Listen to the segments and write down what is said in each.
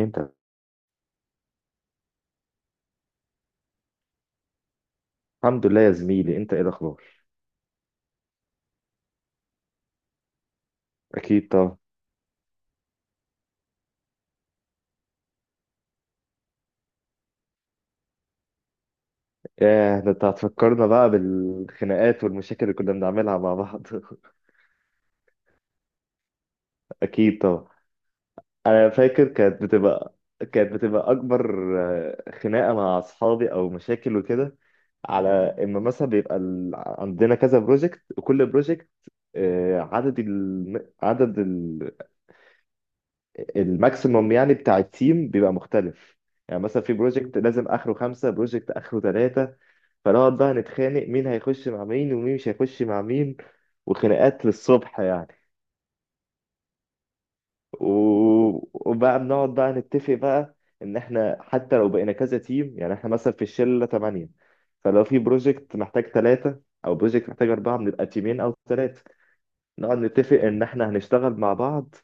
انت. الحمد لله يا زميلي، انت ايه الاخبار؟ اكيد طبعا. ياه، ده انت هتفكرنا بقى بالخناقات والمشاكل اللي كنا بنعملها مع بعض. اكيد طبعا. انا فاكر كانت بتبقى اكبر، خناقه مع اصحابي او مشاكل وكده. على اما مثلا بيبقى عندنا كذا بروجكت وكل بروجكت، عدد الماكسيموم يعني بتاع التيم بيبقى مختلف. يعني مثلا في بروجكت لازم اخره 5 بروجكت اخره ثلاثة. فنقعد بقى نتخانق مين هيخش مع مين ومين مش هيخش مع مين، وخناقات للصبح يعني. و- وبقى بنقعد بقى نتفق بقى ان احنا حتى لو بقينا كذا تيم، يعني احنا مثلا في الشله تمانية. فلو في بروجكت محتاج ثلاثة او بروجكت محتاج اربعة بنبقى تيمين او ثلاثة. نقعد نتفق ان احنا هنشتغل مع بعض،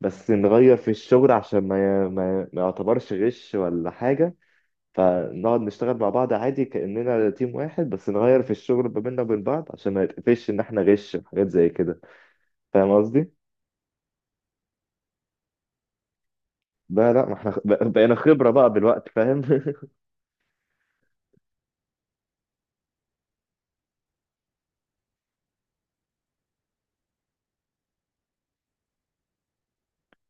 بس نغير في الشغل عشان ما يعتبرش غش ولا حاجة. فنقعد نشتغل مع بعض عادي كأننا تيم واحد، بس نغير في الشغل ما بيننا وبين بعض عشان ما يتقفش إن إحنا غش وحاجات زي كده. فاهم قصدي؟ بقى لا، ما إحنا بقينا خبرة بقى بالوقت، فاهم؟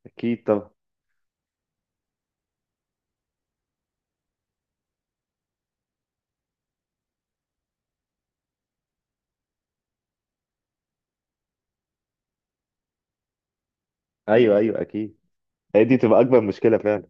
أكيد طبعا. أيوه أيوه، أكيد. هي دي تبقى أكبر مشكلة فعلا.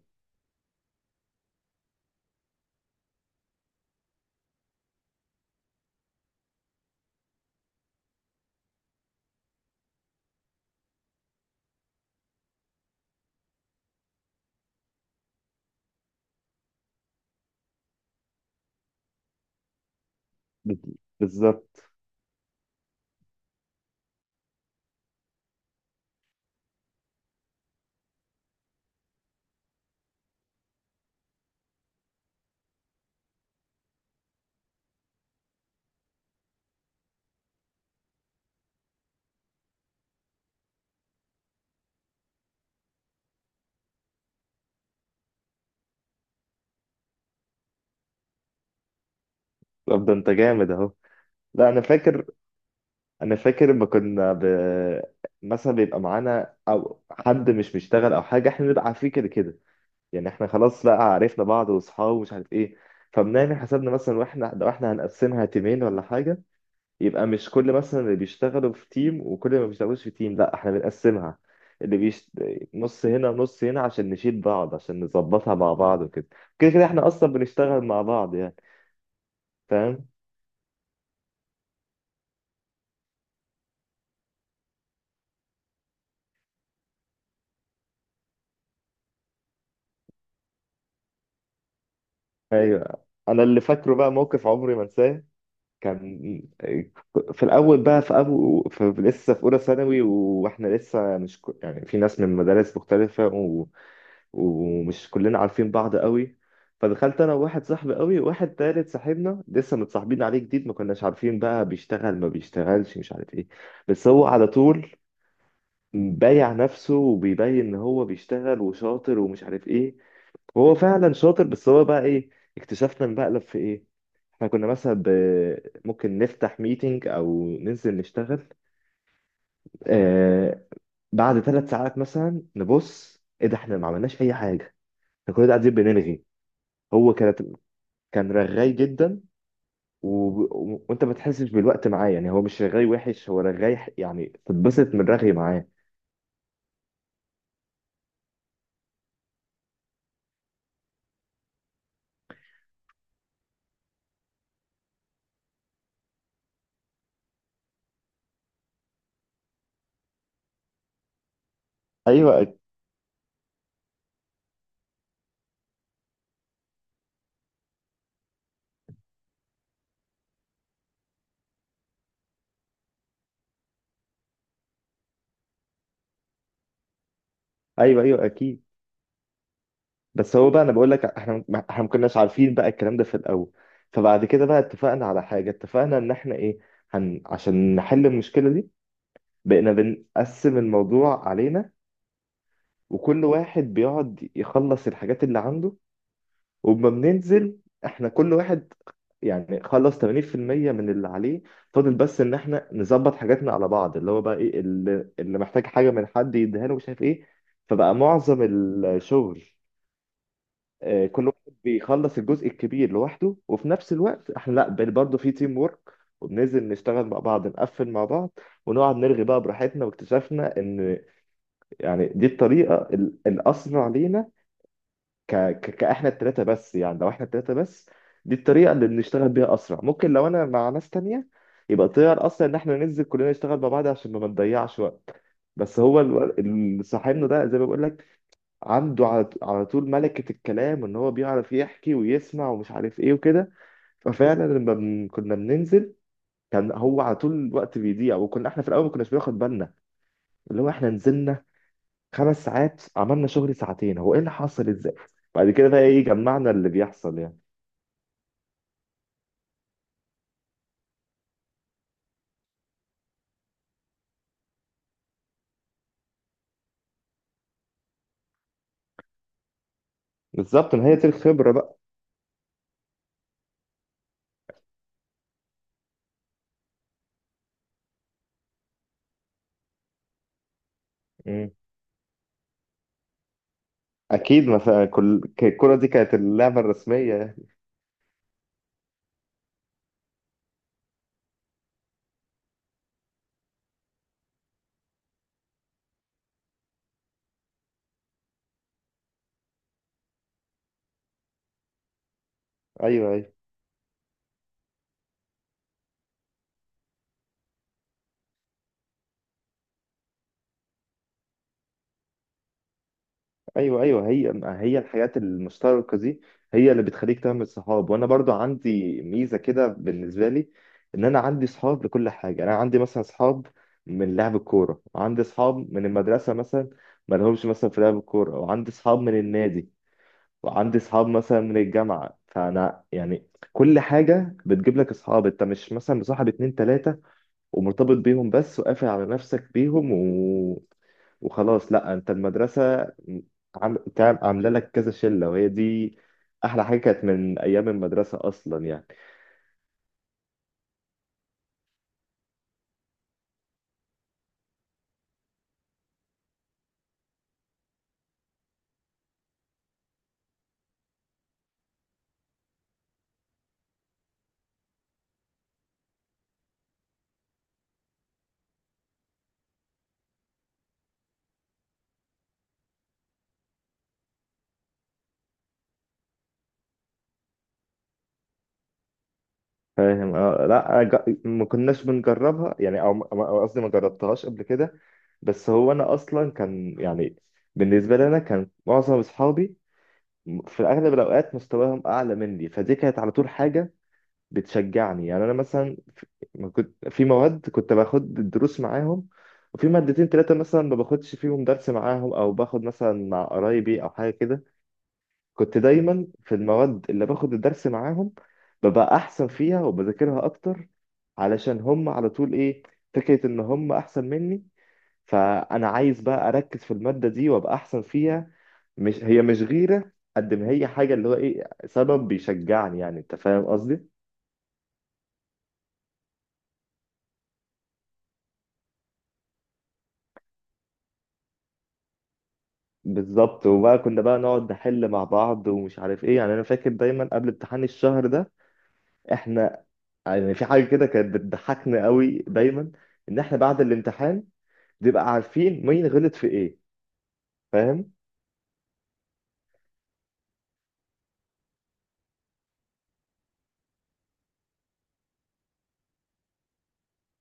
بال- بالظبط. طب ده أنت جامد أهو. لا، أنا فاكر. أنا فاكر لما كنا مثلا بيبقى معانا أو حد مش بيشتغل أو حاجة، إحنا نبقى عارفين كده كده. يعني احنا خلاص، لا، عرفنا بعض واصحاب ومش عارف ايه. فبنعمل حسابنا مثلا، واحنا لو احنا هنقسمها تيمين ولا حاجه، يبقى مش كل مثلا اللي بيشتغلوا في تيم وكل اللي ما بيشتغلوش في تيم، لا، احنا بنقسمها. اللي بيش... نص هنا ونص هنا، عشان نشيل بعض، عشان نظبطها مع بعض وكده. كده كده احنا اصلا بنشتغل مع بعض يعني. فاهم. ايوه، انا اللي فاكره بقى موقف عمري ما انساه. كان في الاول بقى، في ابو في لسه في اولى ثانوي، واحنا لسه مش يعني في ناس من مدارس مختلفه، ومش كلنا عارفين بعض قوي. فدخلت انا وواحد صاحبي قوي وواحد تالت صاحبنا لسه متصاحبين عليه جديد، ما كناش عارفين بقى بيشتغل ما بيشتغلش، مش عارف ايه. بس هو على طول بايع نفسه وبيبين ان هو بيشتغل وشاطر ومش عارف ايه. وهو فعلا شاطر، بس هو بقى ايه؟ اكتشفنا المقلب في ايه. احنا كنا مثلا ممكن نفتح ميتنج او ننزل نشتغل. آه... بعد 3 ساعات مثلا نبص، ايه ده احنا ما عملناش اي حاجه. احنا كنا قاعدين بنلغي. هو كان رغاي جدا. و... و... وانت ما تحسش بالوقت معاه، يعني هو مش رغاي وحش، هو رغاي يعني تتبسط من رغي معاه. ايوه ايوه ايوه اكيد. بس هو بقى انا بقول لك، احنا احنا ما كناش عارفين بقى الكلام ده في الاول. فبعد كده بقى اتفقنا على حاجه، اتفقنا ان احنا ايه، عشان نحل المشكله دي بقينا بنقسم الموضوع علينا، وكل واحد بيقعد يخلص الحاجات اللي عنده. وما بننزل احنا، كل واحد يعني خلص 80% من اللي عليه، فاضل بس ان احنا نظبط حاجاتنا على بعض، اللي هو بقى ايه، اللي محتاج حاجه من حد يديها له، مش عارف ايه. فبقى معظم الشغل، كل واحد بيخلص الجزء الكبير لوحده، وفي نفس الوقت احنا، لا، برضه في تيم وورك، وبننزل نشتغل مع بعض نقفل مع بعض، ونقعد نرغي بقى براحتنا. واكتشفنا ان يعني دي الطريقه الاسرع لينا. ك... ك... كاحنا التلاتة بس، يعني لو احنا التلاتة بس، دي الطريقة اللي بنشتغل بيها أسرع. ممكن لو أنا مع ناس تانية يبقى الطريقة الأسرع إن احنا ننزل كلنا نشتغل مع بعض عشان ما بنضيعش وقت. بس هو اللي صاحبنا ده زي ما بقول لك، عنده على على طول ملكة الكلام، وإن هو بيعرف يحكي ويسمع ومش عارف إيه وكده. ففعلا لما كنا بننزل، كان هو على طول الوقت بيضيع، وكنا احنا في الأول ما كناش بناخد بالنا. اللي هو احنا نزلنا 5 ساعات، عملنا شغل ساعتين، هو ايه اللي حصل ازاي؟ بعد كده بقى ايه، جمعنا اللي بيحصل يعني. بالظبط، ما هي دي الخبرة بقى. مم. اكيد، ما فا- كل ك- الكرة دي كانت اللعبة الرسمية يعني. ايوه ايوه. ايوه ايوه، هي ما هي الحاجات المشتركة دي، هي اللي بتخليك تعمل صحاب. وانا برضو عندي ميزة كده بالنسبة لي، ان انا عندي صحاب لكل حاجة. انا عندي مثلا صحاب من لعب الكورة، وعندي صحاب من المدرسة مثلا ما لهمش مثلا في لعب الكورة، وعندي صحاب من النادي، وعندي اصحاب مثلا من الجامعه. فانا يعني كل حاجه بتجيب لك اصحاب. انت مش مثلا مصاحب اتنين تلاته ومرتبط بيهم بس وقافل على نفسك بيهم وخلاص. لا، انت المدرسه عامله لك كذا شله، وهي دي احلى حاجه كانت من ايام المدرسه اصلا يعني. فاهم. آه، لا ج... ما كناش بنجربها يعني، او أو قصدي ما جربتهاش قبل كده. بس هو انا اصلا كان يعني، بالنسبه لي انا كان معظم اصحابي في اغلب الاوقات مستواهم اعلى مني، فدي كانت على طول حاجه بتشجعني. يعني انا مثلا ما كنت في مواد كنت باخد الدروس معاهم، وفي مادتين ثلاثه مثلا ما باخدش فيهم درس معاهم، او باخد مثلا مع قرايبي او حاجه كده. كنت دايما في المواد اللي باخد الدرس معاهم ببقى احسن فيها وبذاكرها اكتر، علشان هم على طول ايه، فكره ان هم احسن مني، فانا عايز بقى اركز في الماده دي وابقى احسن فيها. مش هي مش غيرة، قد ما هي حاجة اللي هو ايه، سبب بيشجعني يعني. انت فاهم قصدي؟ بالظبط. وبقى كنا بقى نقعد نحل مع بعض ومش عارف ايه. يعني انا فاكر دايما قبل امتحان الشهر ده احنا يعني في حاجة كده كانت بتضحكنا قوي دايما، ان احنا بعد الامتحان بنبقى عارفين مين غلط في ايه. فاهم.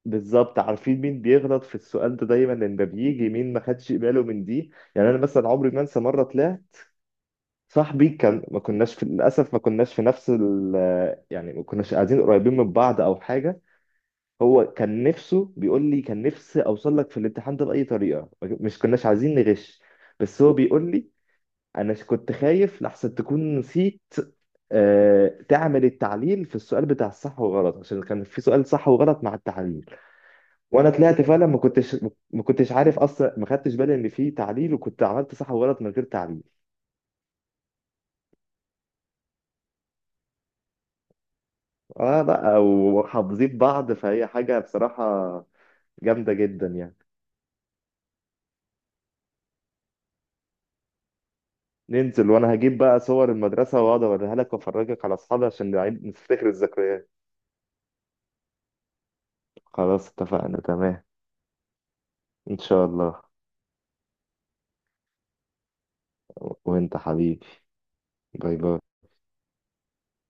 بالظبط، عارفين مين بيغلط في السؤال ده دايما، لان ده بيجي مين ما خدش باله من دي. يعني انا مثلا عمري ما انسى مرة طلعت، صاحبي كان ما كناش في، للاسف ما كناش في نفس ال، يعني ما كناش قاعدين قريبين من بعض او حاجه. هو كان نفسه، بيقول لي كان نفسي اوصل لك في الامتحان ده باي طريقه، مش كناش عايزين نغش، بس هو بيقول لي انا كنت خايف لحسن تكون نسيت تعمل التعليل في السؤال بتاع الصح والغلط، عشان كان في سؤال صح وغلط مع التعليل. وانا طلعت فعلا ما كنتش، ما كنتش عارف اصلا، ما خدتش بالي ان في تعليل، وكنت عملت صح وغلط من غير تعليل. اه لا، وحافظين بعض، فهي حاجة بصراحة. جامدة جدا يعني. ننزل وانا هجيب بقى صور المدرسة، واقعد اوريها لك وافرجك على اصحابي عشان نعيد نفتكر الذكريات. خلاص اتفقنا تمام. ان شاء الله. وانت حبيبي. باي باي.